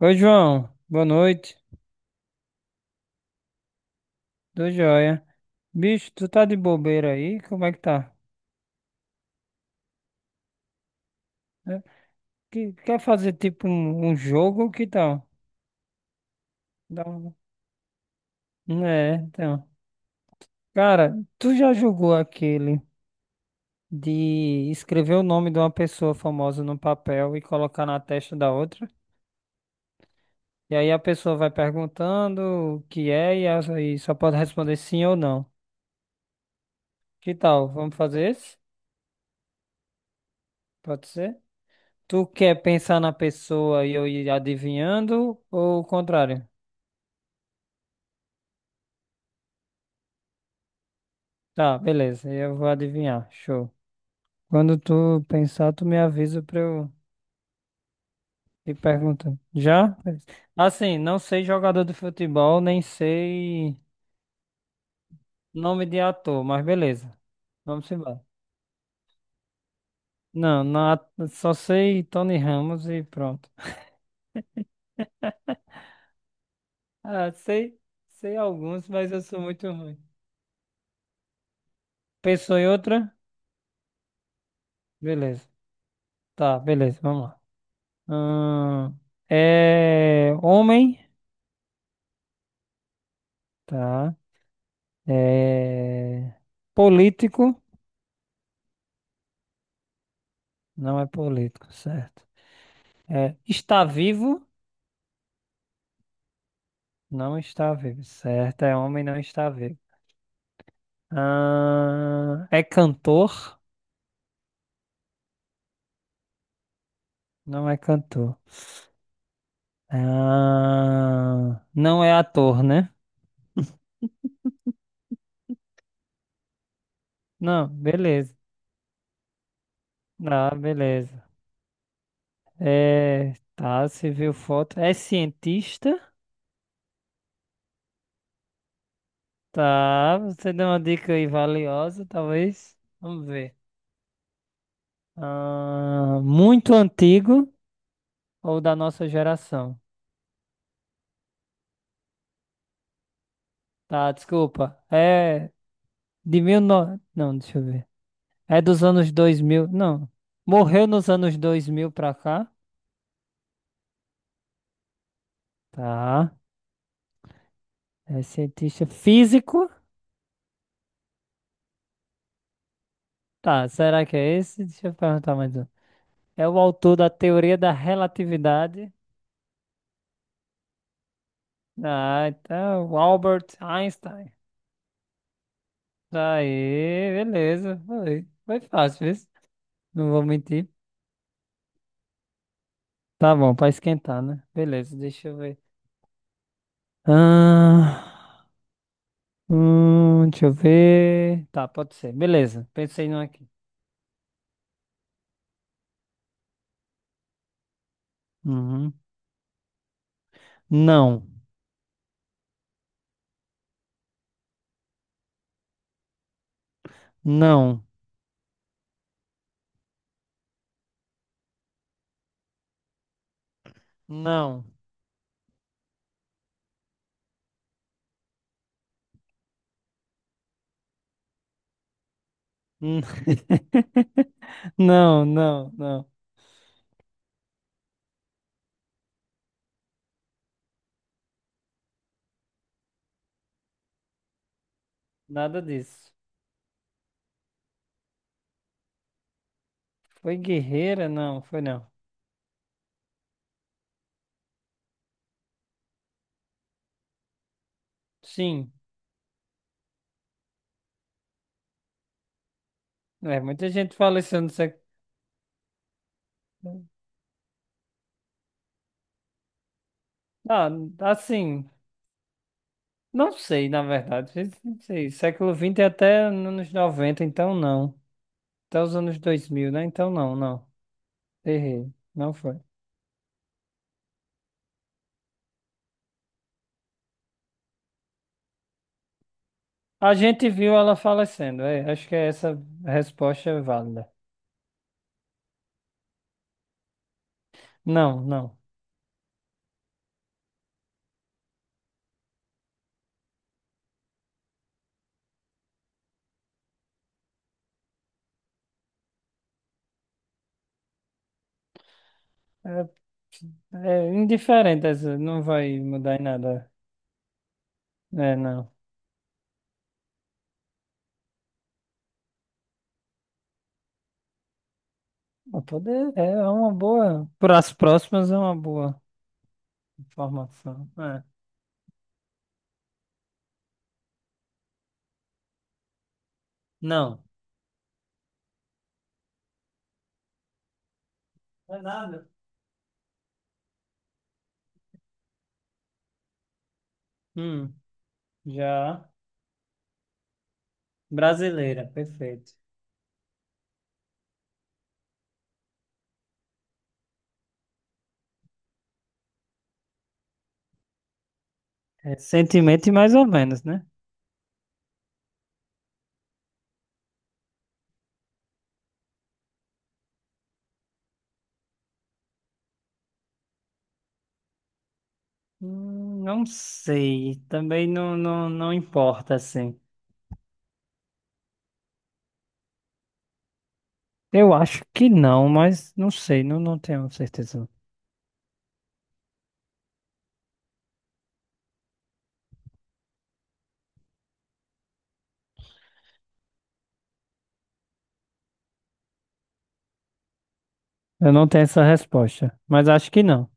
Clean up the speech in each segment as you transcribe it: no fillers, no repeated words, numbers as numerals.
Oi, João. Boa noite. Tô joia. Bicho, tu tá de bobeira aí? Como é que tá? É, Quer fazer tipo um jogo? Que tal? Dá um... É, então. Cara, tu já jogou aquele de escrever o nome de uma pessoa famosa no papel e colocar na testa da outra? E aí a pessoa vai perguntando o que é e só pode responder sim ou não. Que tal? Vamos fazer esse? Pode ser? Tu quer pensar na pessoa e eu ir adivinhando ou o contrário? Tá, beleza, eu vou adivinhar. Show. Quando tu pensar, tu me avisa pra eu ir perguntando. Já? Beleza. Assim, não sei jogador de futebol, nem sei nome de ator, mas beleza. Vamos embora. Não, na- só sei Tony Ramos e pronto. Ah, sei, sei alguns, mas eu sou muito ruim. Pensou em outra? Beleza. Tá, beleza, vamos lá. Ahn, é homem, tá? É político, não é político, certo? É, está vivo, não está vivo, certo? É homem, não está vivo. É cantor, não é cantor. Não é ator, né? Não, beleza. Ah, beleza. É, tá, você viu foto. É cientista? Tá, você deu uma dica aí valiosa, talvez. Vamos ver. Ah, muito antigo ou da nossa geração? Tá, desculpa. É de mil no... Não, deixa eu ver. É dos anos 2000? Não. Morreu nos anos 2000 pra cá. Tá. É cientista físico. Tá, será que é esse? Deixa eu perguntar mais um. É o autor da teoria da relatividade. Ah, então, Albert Einstein. Aí, beleza. Foi, foi fácil, viu? Não vou mentir. Tá bom, pra esquentar, né? Beleza, deixa eu ver. Ah, deixa eu ver. Tá, pode ser. Beleza, pensei num aqui. Uhum. Não, não, não. Hum. Não, não, não. Nada disso. Foi guerreira? Não, foi não. Sim. É, muita gente fala isso no século. Ah, assim. Não sei, na verdade. Não sei. Século XX é até anos 90, então não. Até os anos 2000, né? Então não, não. Errei. Não foi. A gente viu ela falecendo. É, acho que essa resposta é válida. Não, não. É, é indiferente essa. Não vai mudar em nada. É, não. Mas poder é uma boa. Para as próximas é uma boa informação. É. Não. Não é nada. Hum, já. Brasileira, perfeito. Recentemente, mais ou menos, né? Não sei. Também não, não, não importa, assim. Eu acho que não, mas não sei. Não, não tenho certeza. Eu não tenho essa resposta. Mas acho que não.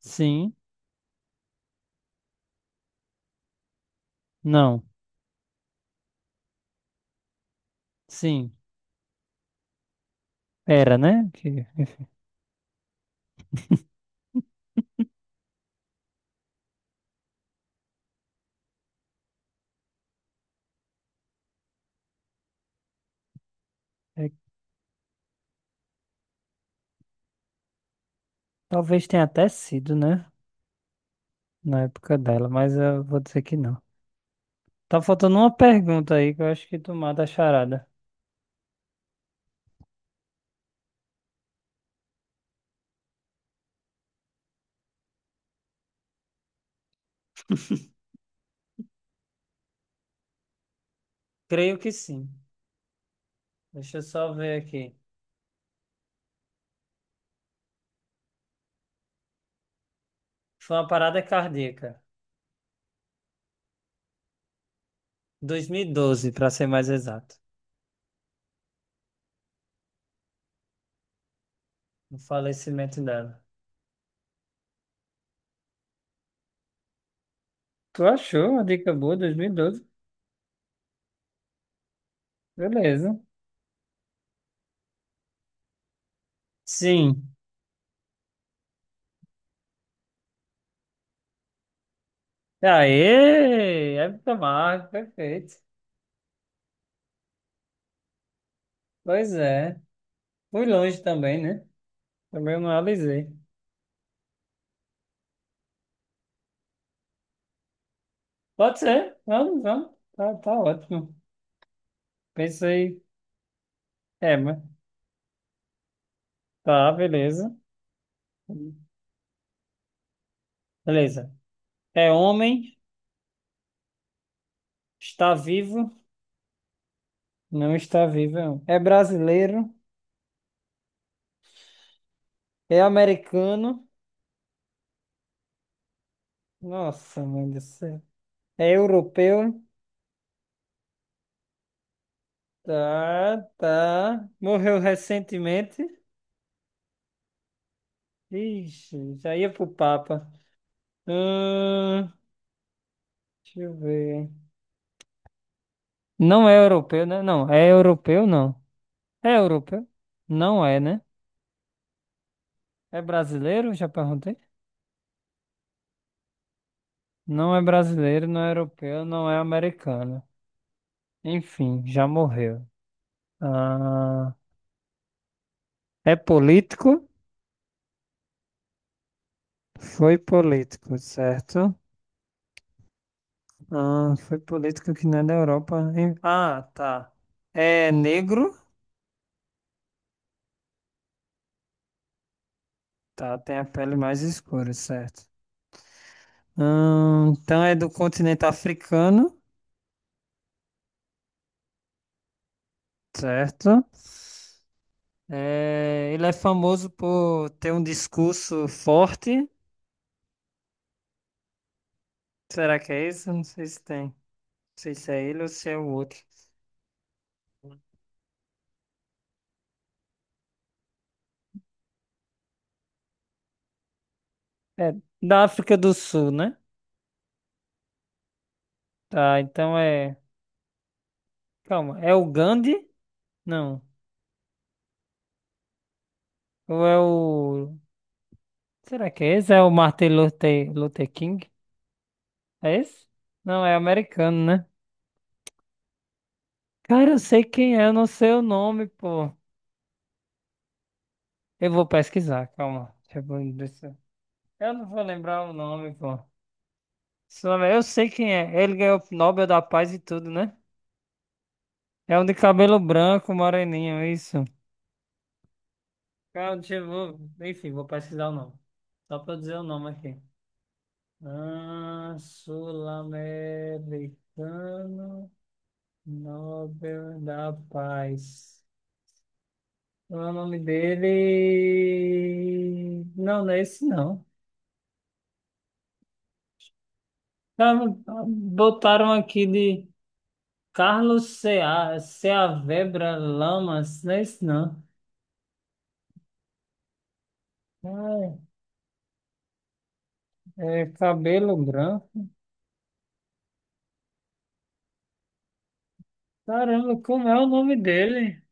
Sim, não. Sim. Era, né? Que, enfim. É, talvez tenha até sido, né? Na época dela, mas eu vou dizer que não. Tá faltando uma pergunta aí que eu acho que tu mata a charada. Creio que sim. Deixa eu só ver aqui. Foi uma parada cardíaca. 2012, para ser mais exato. O falecimento dela. Tu achou uma dica boa, 2012. Beleza. Sim. Aê! Época marca, perfeito. Pois é. Fui longe também, né? Também não analisei. Pode ser. Vamos, vamos. Tá, tá ótimo. Pensei. É, mas. Tá, beleza. Beleza. É homem, está vivo. Não está vivo. É brasileiro. É americano. Nossa, mãe do céu. É europeu. Tá, tá. Morreu recentemente. Ixi, já ia pro Papa. Hum, deixa eu ver. Não é europeu, né? Não, é europeu, não. É europeu? Não é, né? É brasileiro? Já perguntei. Não é brasileiro, não é europeu, não é americano. Enfim, já morreu. Ah, é político? Foi político, certo? Ah, foi política que não é da Europa, hein? Ah, tá. É negro? Tá, tem a pele mais escura, certo. Então é do continente africano, certo? É, ele é famoso por ter um discurso forte. Será que é isso? Não sei se tem. Não sei se é ele ou se é o outro. É da África do Sul, né? Tá, então é. Calma, é o Gandhi? Não. Ou é o. Será que é esse? É o Martin Luther King? É esse? Não, é americano, né? Cara, eu sei quem é, eu não sei o nome, pô. Eu vou pesquisar, calma. Deixa- eu não vou lembrar o nome, pô. Eu sei quem é. Ele ganhou o Nobel da Paz e tudo, né? É um de cabelo branco, moreninho, isso. Calma, deixa eu... vou- Enfim, vou pesquisar o nome. Só pra eu dizer o nome aqui. Ah, sul-americano, Nobel da Paz. O nome dele. Não, não é esse não. Ah, botaram aqui de Carlos Cea, Ceavebra Lamas, não é esse não. Ah, é cabelo branco. Caramba, como é o nome dele?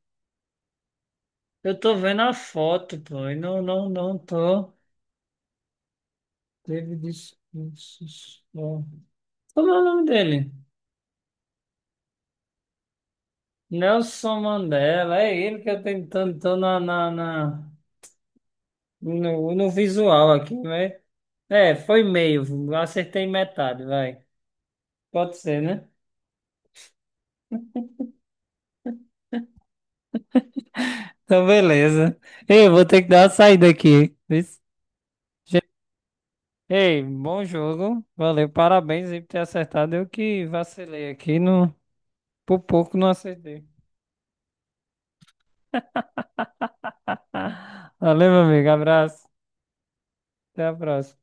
Eu tô vendo a foto, pô, e não, não, não tô. Teve discursos, ó. Como é o nome dele? Nelson Mandela, é ele que eu tenho, tô tentando, tô no visual aqui, né? É, foi meio, acertei metade, vai. Pode ser, né? Então, beleza. Ei, vou ter que dar uma saída aqui. Isso. Já- Ei, bom jogo. Valeu, parabéns aí por ter acertado. Eu que vacilei aqui, no, por pouco não acertei. Valeu, meu amigo. Abraço. Até a próxima.